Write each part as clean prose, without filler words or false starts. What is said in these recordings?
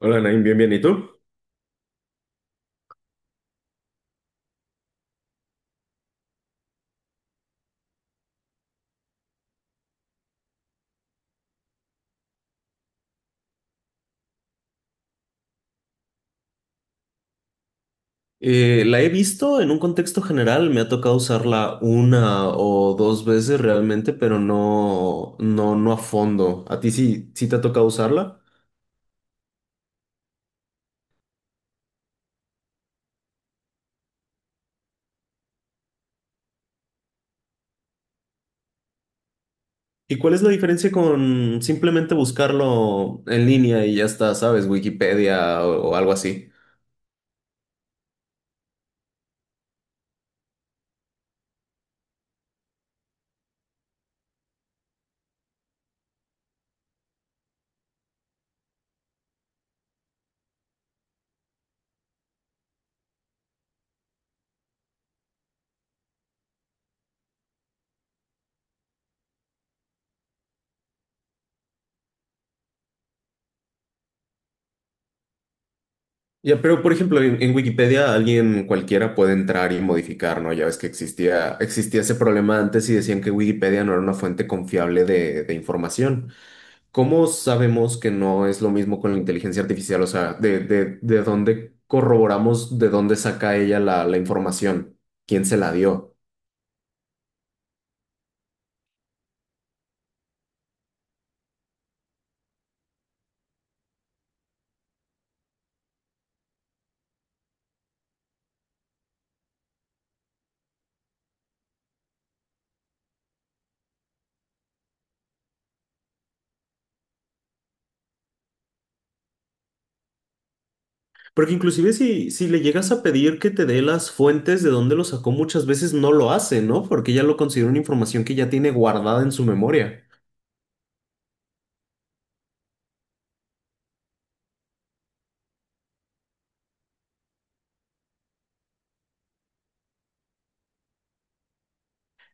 Hola, Nain, bien, bien. ¿Y tú? La he visto en un contexto general, me ha tocado usarla una o dos veces realmente, pero no a fondo. ¿A ti sí te ha tocado usarla? ¿Y cuál es la diferencia con simplemente buscarlo en línea y ya está, sabes, Wikipedia o algo así? Ya, pero por ejemplo, en Wikipedia alguien cualquiera puede entrar y modificar, ¿no? Ya ves que existía ese problema antes y decían que Wikipedia no era una fuente confiable de información. ¿Cómo sabemos que no es lo mismo con la inteligencia artificial? O sea, de dónde corroboramos, de dónde saca ella la información? ¿Quién se la dio? Porque inclusive si le llegas a pedir que te dé las fuentes de dónde lo sacó, muchas veces no lo hace, ¿no? Porque ya lo considera una información que ya tiene guardada en su memoria.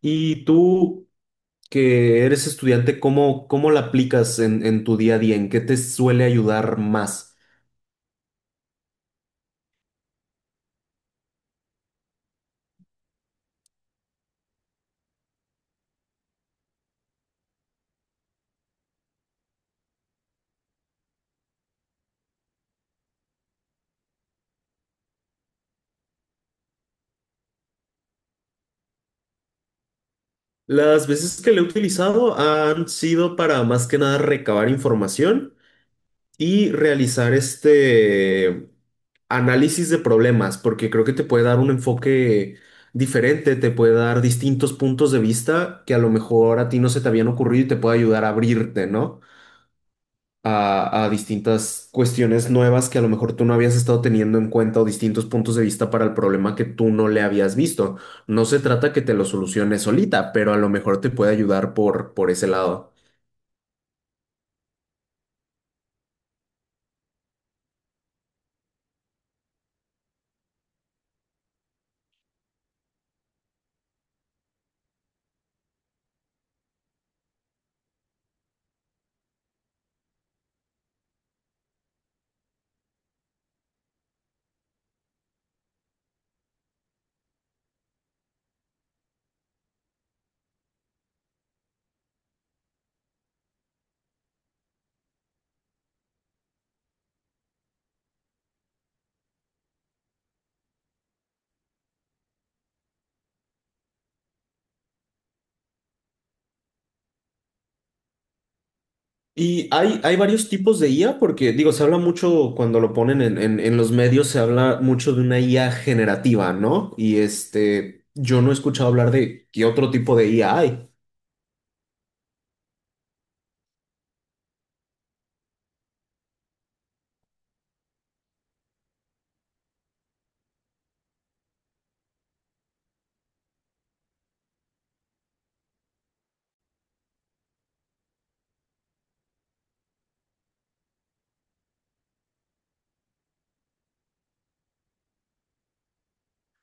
Y tú, que eres estudiante, cómo la aplicas en tu día a día? ¿En qué te suele ayudar más? Las veces que lo he utilizado han sido para más que nada recabar información y realizar este análisis de problemas, porque creo que te puede dar un enfoque diferente, te puede dar distintos puntos de vista que a lo mejor a ti no se te habían ocurrido y te puede ayudar a abrirte, ¿no? A distintas cuestiones nuevas que a lo mejor tú no habías estado teniendo en cuenta o distintos puntos de vista para el problema que tú no le habías visto. No se trata que te lo soluciones solita, pero a lo mejor te puede ayudar por ese lado. Y hay varios tipos de IA porque, digo, se habla mucho cuando lo ponen en los medios, se habla mucho de una IA generativa, ¿no? Y este, yo no he escuchado hablar de qué otro tipo de IA hay.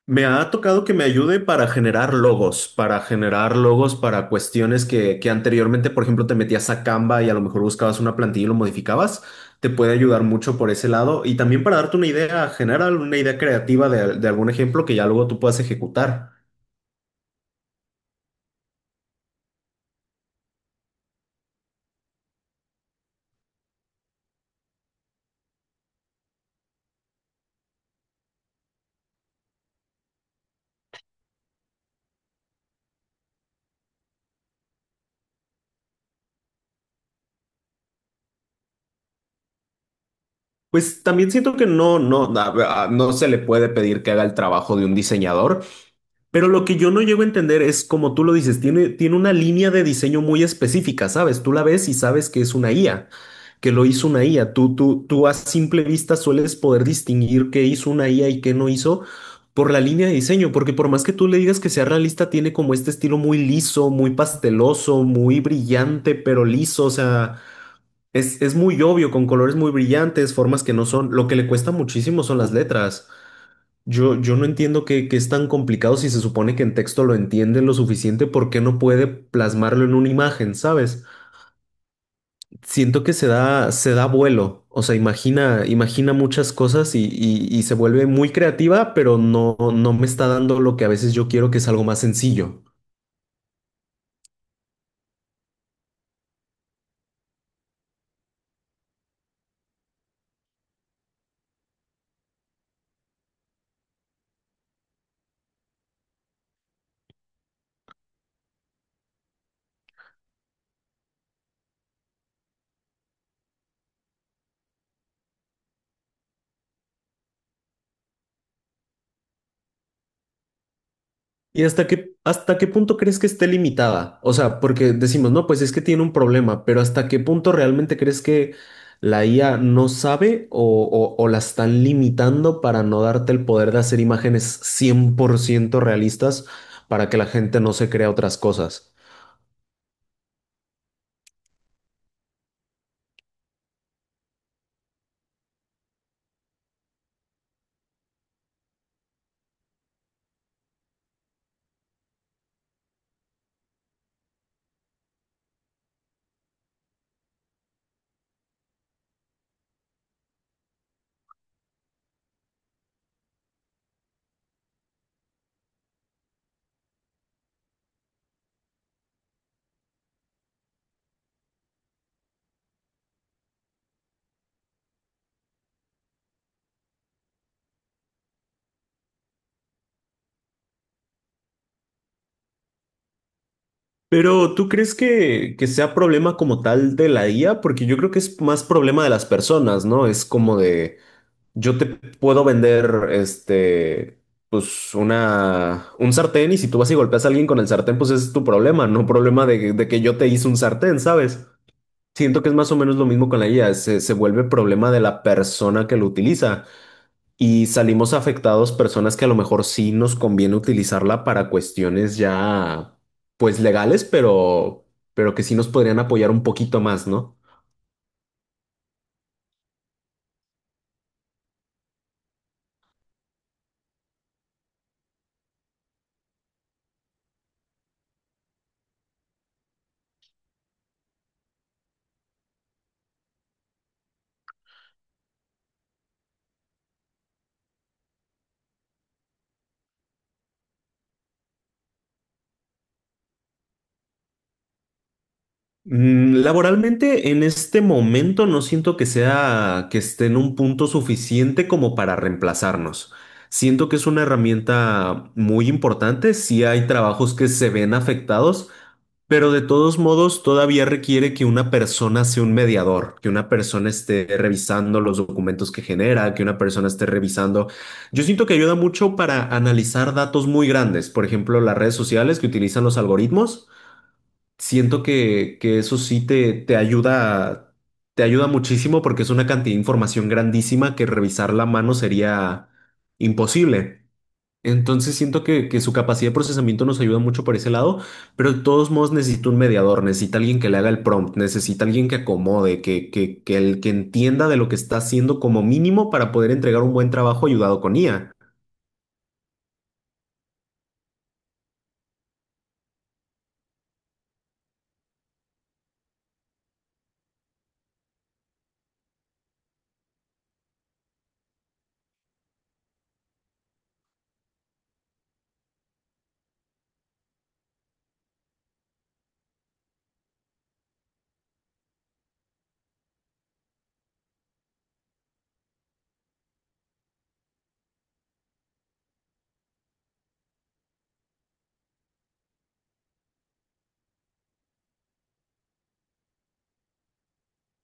Me ha tocado que me ayude para generar logos, para generar logos para cuestiones que anteriormente, por ejemplo, te metías a Canva y a lo mejor buscabas una plantilla y lo modificabas. Te puede ayudar mucho por ese lado. Y también para darte una idea general, una idea creativa de algún ejemplo que ya luego tú puedas ejecutar. Pues también siento que no se le puede pedir que haga el trabajo de un diseñador, pero lo que yo no llego a entender es, como tú lo dices, tiene una línea de diseño muy específica, ¿sabes? Tú la ves y sabes que es una IA, que lo hizo una IA. Tú a simple vista sueles poder distinguir qué hizo una IA y qué no hizo por la línea de diseño, porque por más que tú le digas que sea realista, tiene como este estilo muy liso, muy pasteloso, muy brillante, pero liso, o sea, es muy obvio, con colores muy brillantes, formas que no son, lo que le cuesta muchísimo son las letras. Yo no entiendo que es tan complicado si se supone que en texto lo entienden lo suficiente, ¿por qué no puede plasmarlo en una imagen, ¿sabes? Siento que se da vuelo, o sea, imagina muchas cosas y se vuelve muy creativa, pero no me está dando lo que a veces yo quiero, que es algo más sencillo. ¿Y hasta hasta qué punto crees que esté limitada? O sea, porque decimos, no, pues es que tiene un problema, pero ¿hasta qué punto realmente crees que la IA no sabe o, o la están limitando para no darte el poder de hacer imágenes 100% realistas para que la gente no se crea otras cosas? Pero ¿tú crees que sea problema como tal de la IA? Porque yo creo que es más problema de las personas, ¿no? Es como de, yo te puedo vender, este, pues una, un sartén y si tú vas y golpeas a alguien con el sartén, pues ese es tu problema, no problema de que yo te hice un sartén, ¿sabes? Siento que es más o menos lo mismo con la IA, se vuelve problema de la persona que lo utiliza. Y salimos afectados personas que a lo mejor sí nos conviene utilizarla para cuestiones ya, pues legales, pero que sí nos podrían apoyar un poquito más, ¿no? Mm, laboralmente, en este momento no siento que sea que esté en un punto suficiente como para reemplazarnos. Siento que es una herramienta muy importante. Si hay trabajos que se ven afectados, pero de todos modos, todavía requiere que una persona sea un mediador, que una persona esté revisando los documentos que genera, que una persona esté revisando. Yo siento que ayuda mucho para analizar datos muy grandes, por ejemplo, las redes sociales que utilizan los algoritmos. Siento que eso sí te, te ayuda muchísimo porque es una cantidad de información grandísima que revisar la mano sería imposible. Entonces siento que su capacidad de procesamiento nos ayuda mucho por ese lado, pero de todos modos necesita un mediador, necesita alguien que le haga el prompt, necesita alguien que acomode, que el que entienda de lo que está haciendo como mínimo para poder entregar un buen trabajo ayudado con IA.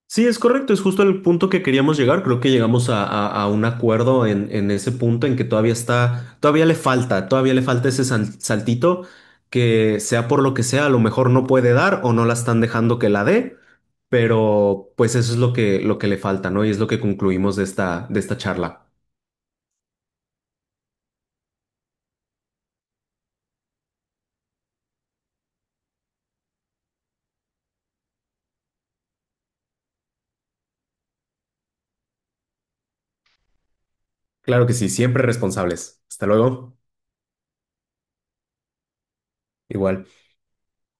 Sí, es correcto, es justo el punto que queríamos llegar. Creo que llegamos a, a un acuerdo en ese punto en que todavía está, todavía le falta ese saltito que sea por lo que sea, a lo mejor no puede dar o no la están dejando que la dé, pero pues eso es lo lo que le falta, ¿no? Y es lo que concluimos de esta charla. Claro que sí, siempre responsables. Hasta luego. Igual.